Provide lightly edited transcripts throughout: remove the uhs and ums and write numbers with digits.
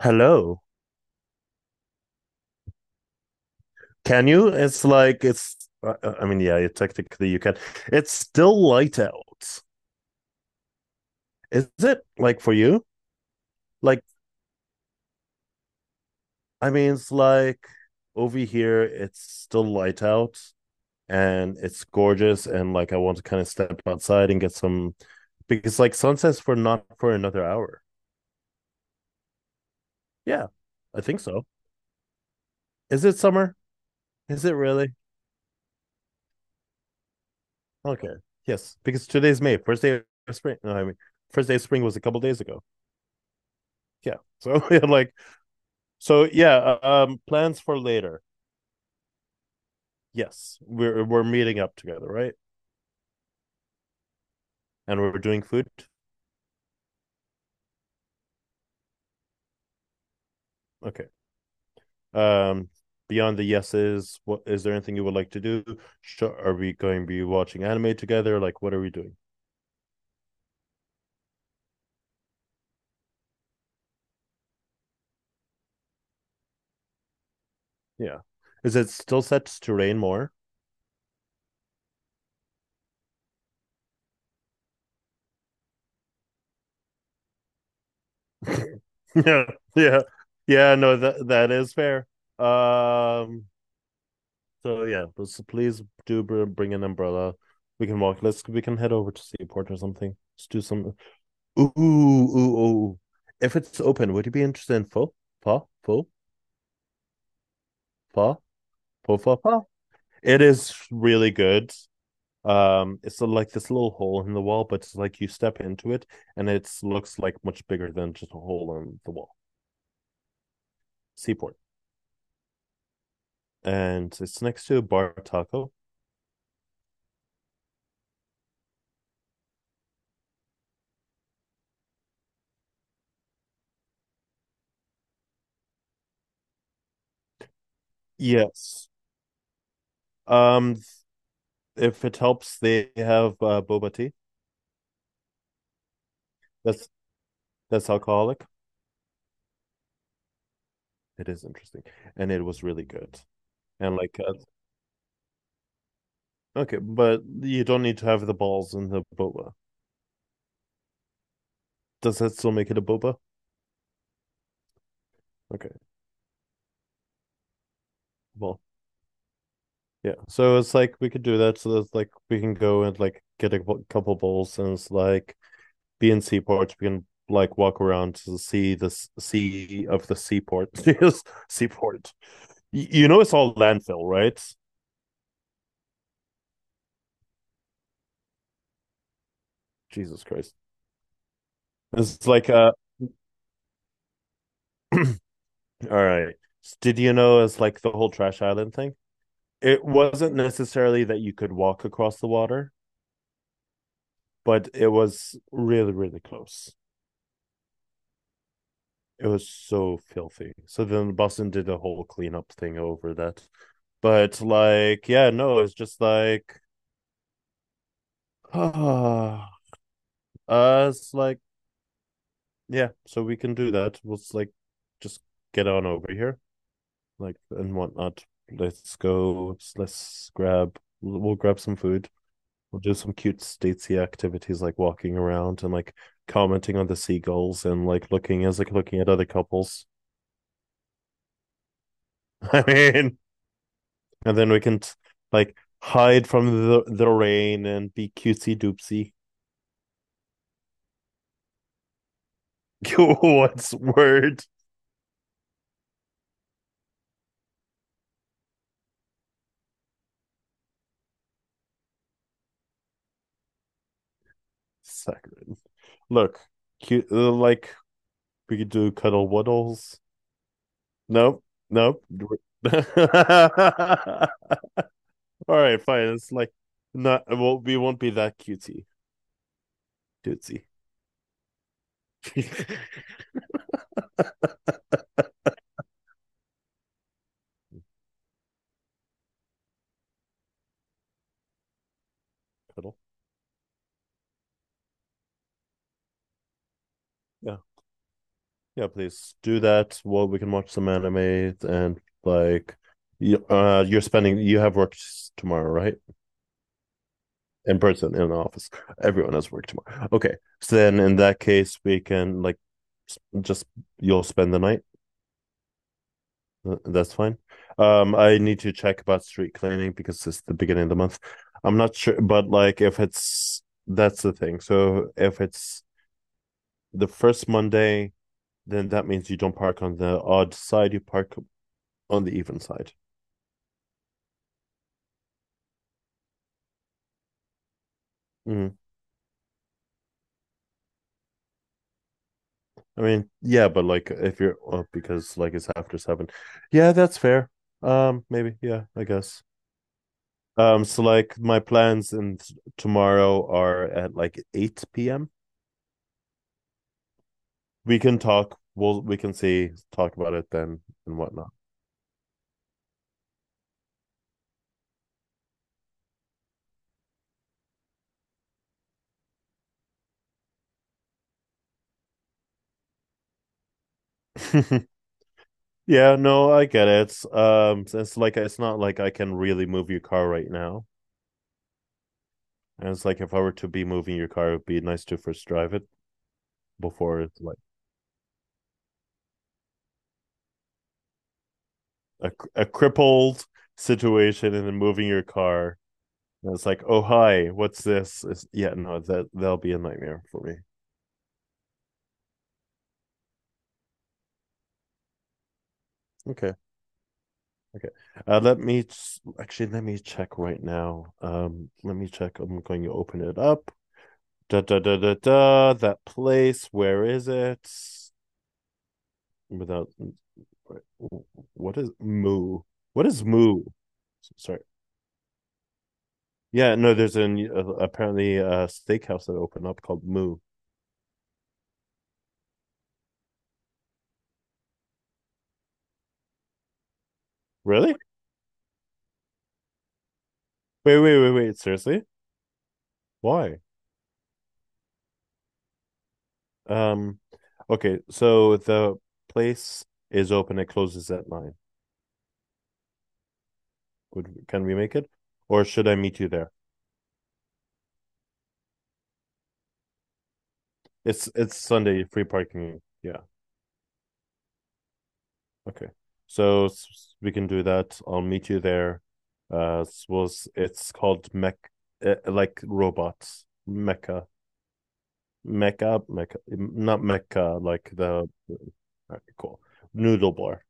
Hello. Can you? It's like it's yeah, technically you can. It's still light out. Is it like for you? like it's like over here it's still light out, and it's gorgeous, and like I want to kind of step outside and get some, because like sunset's for not for another hour. Yeah. I think so. Is it summer? Is it really? Okay. Yes, because today's may first day of spring no, I mean First day of spring was a couple days ago. Yeah. So yeah, like. So yeah, plans for later. Yes, we're meeting up together, right? And we're doing food. Okay. Um, beyond the yeses, what, is there anything you would like to do? Are we going to be watching anime together? Like, what are we doing? Yeah. Is it still set to rain more? Yeah, yeah, yeah. No, that is fair. Um. So yeah, so please do bring an umbrella. We can walk. Let's We can head over to Seaport or something. Let's do some. Ooh, ooh, ooh. If it's open, would you be interested in pho? Pho? Pho? Pho? Pho? Pho? Pho? It is really good. It's like this little hole in the wall, but it's like you step into it, and it looks like much bigger than just a hole in the wall. Seaport, and it's next to a bar taco. Yes. Um, if it helps, they have boba tea. That's that's alcoholic. It is interesting, and it was really good. And like okay, but you don't need to have the balls in the boba. Does that still make it a boba? Okay, well, yeah. So it's like we could do that. So that's like we can go and like get a couple bowls, and it's like be in seaports. We can like walk around to see the sea of the seaport. Yes, seaport. You know it's all landfill, right? Jesus Christ. It's like all right. Did you know it's like the whole trash island thing? It wasn't necessarily that you could walk across the water, but it was really, really close. It was so filthy. So then Boston did a whole cleanup thing over that. But like, yeah, no, it's just like, ah, it's like, yeah, so we can do that. We'll like just get on over here, like and whatnot. Let's go. Let's grab. We'll grab some food. We'll do some cute statesy activities like walking around and like commenting on the seagulls and like looking at other couples. I mean, and then we can like hide from the rain and be cutesy doopsy. What's word? Saccharine. Look, cute. Like, we could do cuddle waddles. Nope, nope. All right, fine. It's like not. Well, we won't be that cutesy doopsy. Cuddle. Yeah, yeah. Please do that. Well, we can watch some anime and like, you, you're spending. You have work tomorrow, right? In person in the office. Everyone has work tomorrow. Okay, so then in that case, we can like just you'll spend the night. That's fine. I need to check about street cleaning because it's the beginning of the month. I'm not sure, but like if it's that's the thing. So if it's the first Monday, then that means you don't park on the odd side. You park on the even side. Mm. I mean, yeah, but like if you're oh, because like it's after seven. Yeah, that's fair. Maybe. Yeah, I guess. So like my plans and tomorrow are at like 8 p.m. We can talk, we can see, talk about it then and whatnot. Yeah, no, I get it. It's like it's not like I can really move your car right now. And it's like if I were to be moving your car, it'd be nice to first drive it before it's like a crippled situation and then moving your car. And it's like, oh hi, what's this? It's, yeah, no, that'll be a nightmare for me. Okay. Okay. Actually, let me check right now. Let me check. I'm going to open it up. Da da da da da. That place. Where is it? Without what is moo? What is moo? Sorry. Yeah, no. There's an apparently a steakhouse that opened up called Moo. Really? Wait, seriously? Why? Um. Okay. So the place is open. It closes at nine. Would, can we make it, or should I meet you there? It's Sunday free parking. Yeah. Okay. So we can do that. I'll meet you there. Was it's called Mech, like robots Mecca, Mecca, Mecca, not Mecca, like the alright, cool noodle bar.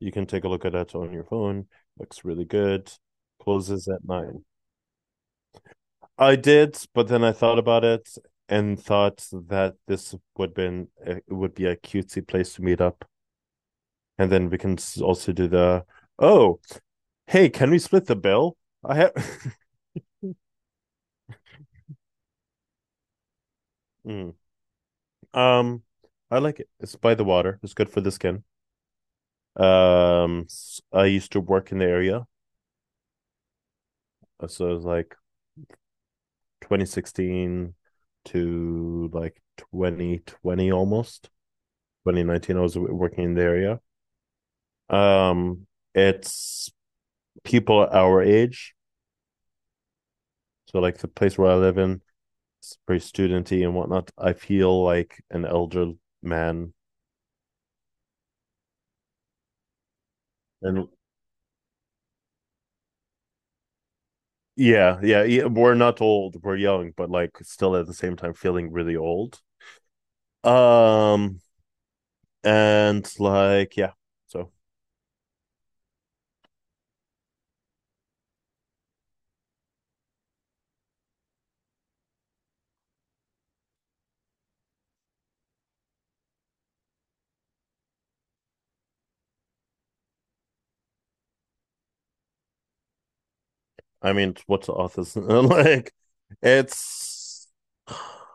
You can take a look at it on your phone. Looks really good. Closes at nine. I did, but then I thought about it and thought that this would been it would be a cutesy place to meet up, and then we can also do the oh, hey, can we split the bill? I have mm. Um, I like it. It's by the water. It's good for the skin. Um, I used to work in the area. So it was like 2016 to like 2020, almost 2019, I was working in the area. Um, it's people our age. So like the place where I live in, it's pretty studenty and whatnot. I feel like an elder man. And yeah, yeah, yeah. We're not old, we're young, but like still at the same time feeling really old. Um, and like, yeah. So I mean, what's the author's like? It's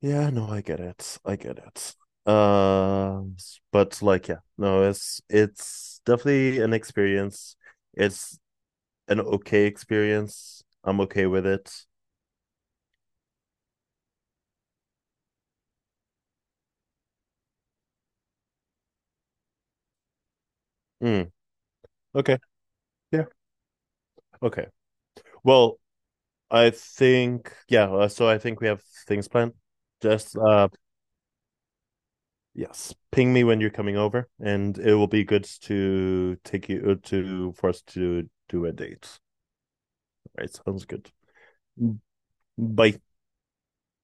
yeah, no, I get it, I get it. Uh, but like, yeah, no, it's definitely an experience. It's an okay experience. I'm okay with it. Mm, okay, yeah, okay. Well, I think yeah. So I think we have things planned. Just yes, ping me when you're coming over, and it will be good to take you to for us to do a date. All right, sounds good. Bye.